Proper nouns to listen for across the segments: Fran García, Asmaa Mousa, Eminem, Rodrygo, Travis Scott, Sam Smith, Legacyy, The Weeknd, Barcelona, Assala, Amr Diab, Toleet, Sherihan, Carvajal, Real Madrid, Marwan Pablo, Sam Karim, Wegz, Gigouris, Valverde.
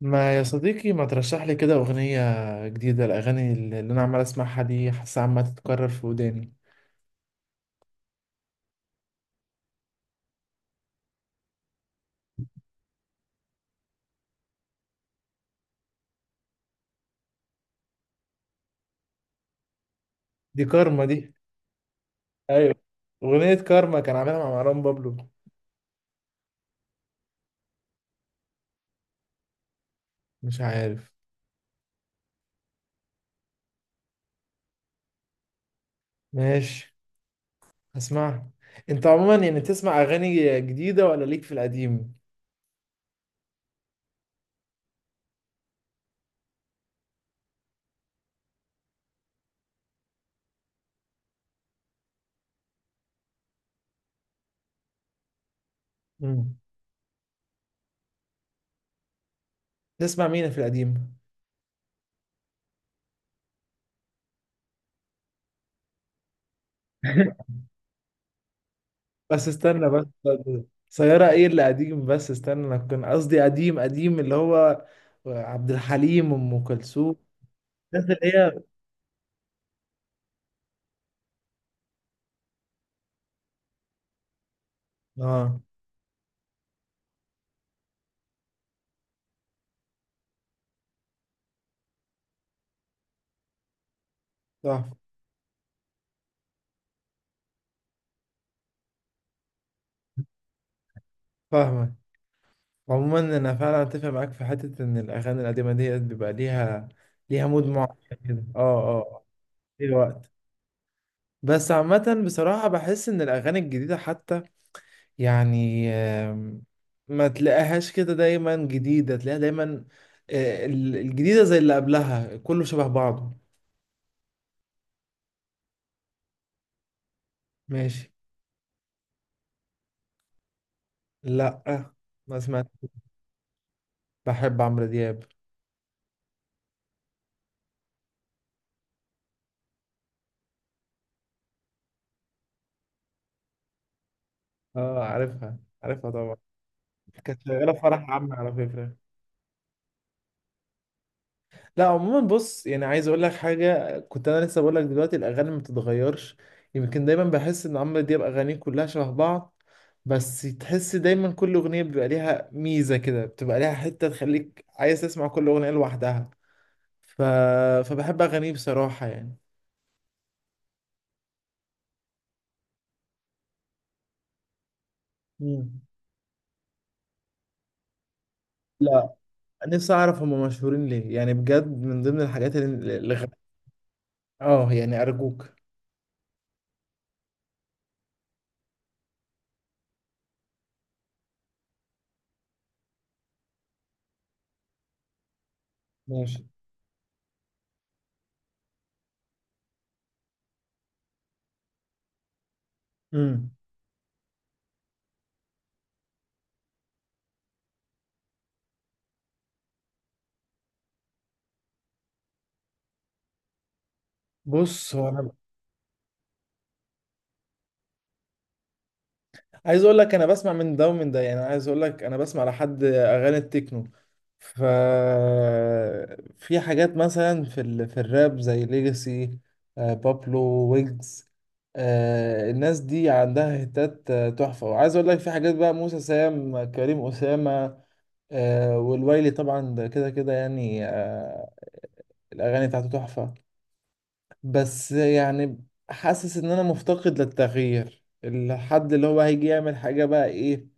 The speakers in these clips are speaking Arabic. ما يا صديقي، ما ترشح لي كده أغنية جديدة؟ الأغاني اللي أنا عمال أسمعها دي حاسة عمالة تتكرر في وداني. دي كارما دي. أيوة، أغنية كارما كان عاملها مع مروان بابلو. مش عارف. ماشي، هسمعها. أنت عموما يعني تسمع أغاني جديدة ولا ليك في القديم؟ مم. تسمع مين في القديم؟ بس استنى، بس سيارة ايه اللي قديم؟ بس استنى، انا كان قصدي قديم قديم، اللي هو عبد الحليم، ام كلثوم. الناس اللي هي. اه. صح. فاهمك. عموما انا فعلا اتفق معاك في حته ان الاغاني القديمه ديت بيبقى ليها ليها مود معين كده. اه اه ليه وقت. بس عامه بصراحه بحس ان الاغاني الجديده حتى يعني ما تلاقيهاش كده دايما جديده، تلاقيها دايما الجديده زي اللي قبلها، كله شبه بعضه. ماشي. لا، ما سمعت. بحب عمرو دياب. اه عارفها، عارفها طبعا. كانت شغاله في فرح عمي على فكره. لا عموما بص، يعني عايز اقول لك حاجه، كنت انا لسه بقول لك دلوقتي الاغاني ما بتتغيرش. يمكن دايما بحس ان عمرو دياب اغانيه كلها شبه بعض، بس تحس دايما كل اغنيه بيبقى ليها ميزه كده، بتبقى ليها حته تخليك عايز تسمع كل اغنيه لوحدها. ف... فبحب اغانيه بصراحه يعني. مم. لا، نفسي اعرف هم مشهورين ليه يعني بجد، من ضمن الحاجات اه يعني ارجوك. ماشي. مم. بص هو انا عايز اقول لك، انا بسمع من ده ومن ده، يعني عايز اقول لك انا بسمع لحد اغاني التكنو. ف في حاجات مثلا في في الراب زي ليجاسي، بابلو، ويجز. آه الناس دي عندها هتات تحفة. وعايز اقول لك في حاجات بقى، موسى، سام كريم، أسامة، والويلي طبعا، ده كده كده يعني الاغاني بتاعته تحفة. بس يعني حاسس ان انا مفتقد للتغيير، الحد اللي هو هيجي يعمل حاجة بقى ايه.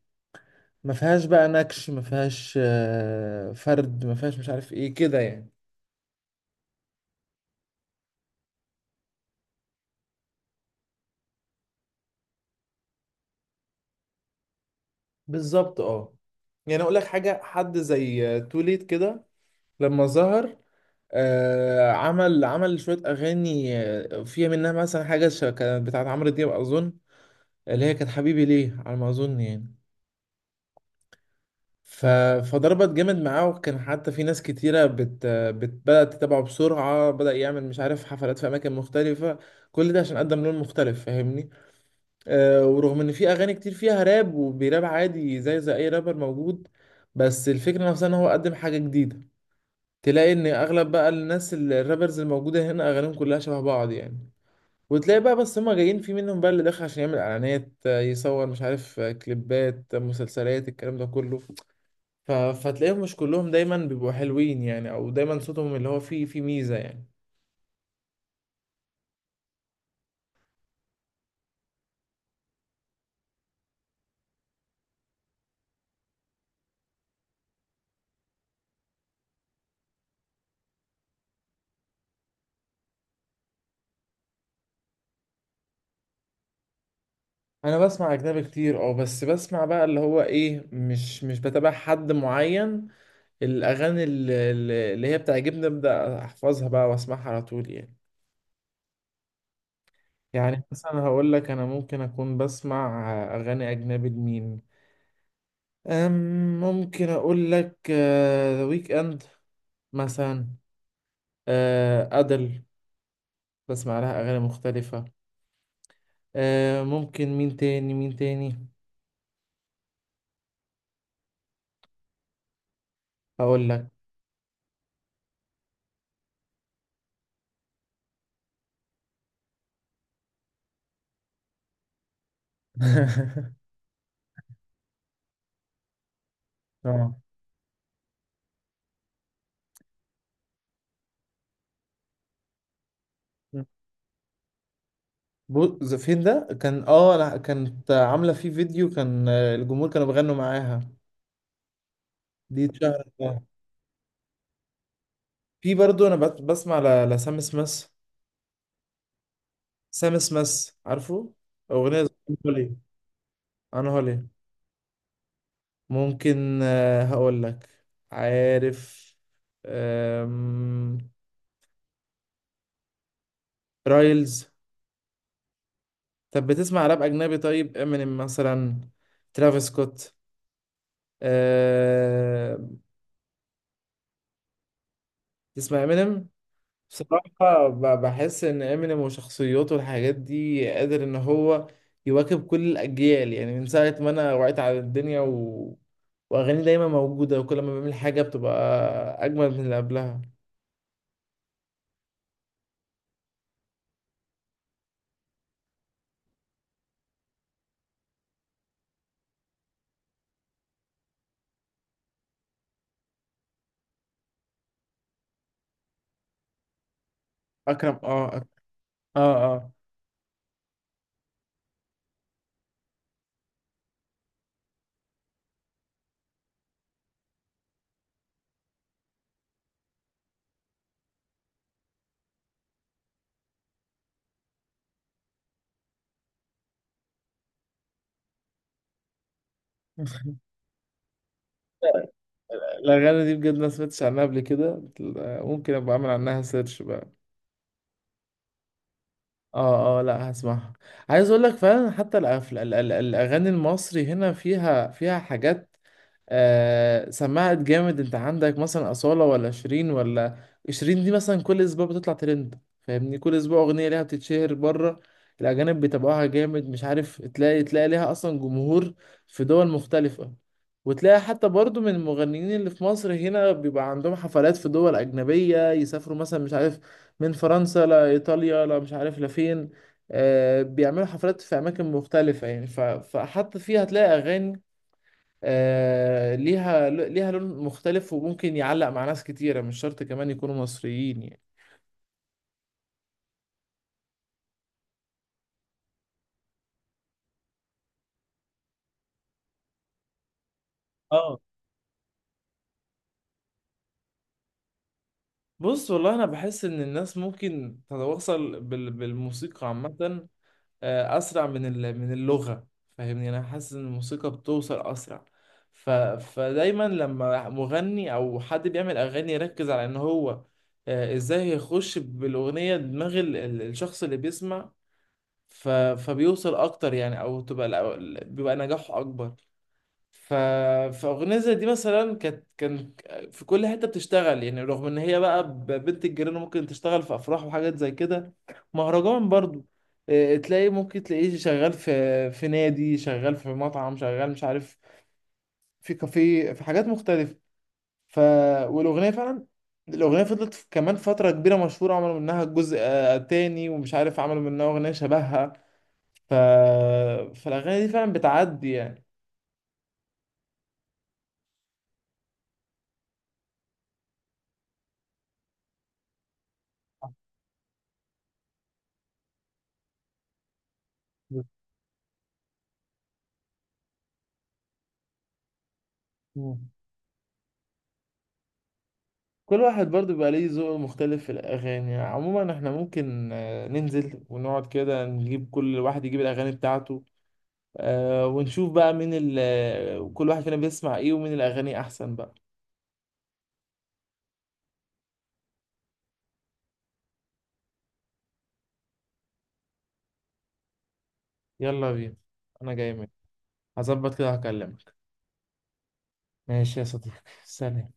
ما فيهاش بقى نكش، ما فيهاش فرد، ما فيهاش مش عارف ايه كده يعني. بالظبط اه. يعني اقول لك حاجه، حد زي توليت كده لما ظهر، عمل شويه اغاني فيها منها مثلا حاجه كانت بتاعت عمرو دياب اظن، اللي هي كانت حبيبي ليه على ما اظن يعني. ف... فضربت جامد معاه، وكان حتى في ناس كتيره بدات تتابعه بسرعه. بدأ يعمل مش عارف حفلات في اماكن مختلفه، كل ده عشان قدم لون مختلف، فاهمني. ورغم ان في اغاني كتير فيها راب وبيراب عادي زي اي رابر موجود، بس الفكره نفسها ان هو قدم حاجه جديده. تلاقي ان اغلب بقى الناس الرابرز الموجوده هنا اغانيهم كلها شبه بعض يعني. وتلاقي بقى بس هما جايين، في منهم بقى اللي داخل عشان يعمل اعلانات، يصور مش عارف كليبات، مسلسلات، الكلام ده كله. فتلاقيهم مش كلهم دايما بيبقوا حلوين يعني، او دايما صوتهم اللي هو فيه ميزه يعني. انا بسمع اجنبي كتير اه، بس بسمع بقى اللي هو ايه، مش بتابع حد معين. الأغاني اللي هي بتعجبني أبدأ أحفظها بقى وأسمعها على طول يعني. يعني مثلا هقول لك، أنا ممكن أكون بسمع أغاني أجنبي لمين؟ ممكن أقول لك ذا ويك إند مثلا، أدل، بسمع لها أغاني مختلفة. ممكن مين تاني؟ مين تاني هقول لك. اه بص، فين ده؟ كان اه لا، كانت عاملة فيه فيديو كان الجمهور كانوا بيغنوا معاها. دي اتشهرت. في برضه انا بسمع لسام سميث. سام سميث، عارفه؟ اغنيه زي هولي. انا هولي ممكن هقول لك. عارف، آم، رايلز. طب بتسمع راب اجنبي؟ طيب امينيم مثلا؟ ترافيس سكوت؟ أه... تسمع امينيم. بصراحة بحس إن إمينيم وشخصيته والحاجات دي قادر إن هو يواكب كل الأجيال يعني. من ساعة ما أنا وعيت على الدنيا وأغاني دايما موجودة، وكل ما بيعمل حاجة بتبقى أجمل من اللي قبلها. أكرم، أه أه أه. الأغاني دي بجد ما سمعتش عنها قبل كده. ممكن أبقى أعمل عنها سيرش بقى. أه أه، لأ هسمعها. عايز أقول لك فعلا حتى الأغاني المصري هنا فيها فيها حاجات سمعت جامد. انت عندك مثلا أصالة، ولا شيرين، ولا شيرين دي مثلا، كل اسبوع بتطلع ترند، فاهمني؟ كل اسبوع أغنية ليها بتتشهر بره. الأجانب بيتابعوها جامد، مش عارف، تلاقي تلاقي ليها أصلا جمهور في دول مختلفة. وتلاقي حتى برضو من المغنيين اللي في مصر هنا بيبقى عندهم حفلات في دول أجنبية، يسافروا مثلا مش عارف من فرنسا لإيطاليا، لا مش عارف لفين، بيعملوا حفلات في أماكن مختلفة يعني. فحتى فيها هتلاقي أغاني ليها ليها لون مختلف، وممكن يعلق مع ناس كتيرة، مش شرط كمان يكونوا مصريين يعني. اه بص والله، أنا بحس إن الناس ممكن تتواصل بالموسيقى عامة أسرع من من اللغة. فاهمني؟ أنا حاسس إن الموسيقى بتوصل أسرع. ف فدايما لما مغني أو حد بيعمل أغاني يركز على إن هو إزاي يخش بالأغنية دماغ الشخص اللي بيسمع. ف فبيوصل أكتر يعني، أو تبقى بيبقى نجاحه أكبر. ف... فأغنية زي دي مثلا كان في كل حتة بتشتغل يعني، رغم إن هي بقى بنت الجيران، ممكن تشتغل في أفراح وحاجات زي كده، مهرجان برضو. إيه، تلاقي ممكن تلاقيه شغال في في نادي، شغال في مطعم، شغال مش عارف في كافيه، في حاجات مختلفة. ف والأغنية فعلا، الأغنية فضلت كمان فترة كبيرة مشهورة، عملوا منها جزء تاني، ومش عارف عملوا منها أغنية شبهها. ف... فالأغاني دي فعلا بتعدي يعني. كل واحد برضو بيبقى ليه ذوق مختلف في الأغاني عموما. احنا ممكن ننزل ونقعد كده نجيب، كل واحد يجيب الأغاني بتاعته، ونشوف بقى مين ال آه، كل واحد فينا بيسمع ايه، ومين الأغاني أحسن بقى. يلا بينا، أنا جاي منك. هظبط كده هكلمك. ماشي يا صديقي، سلام.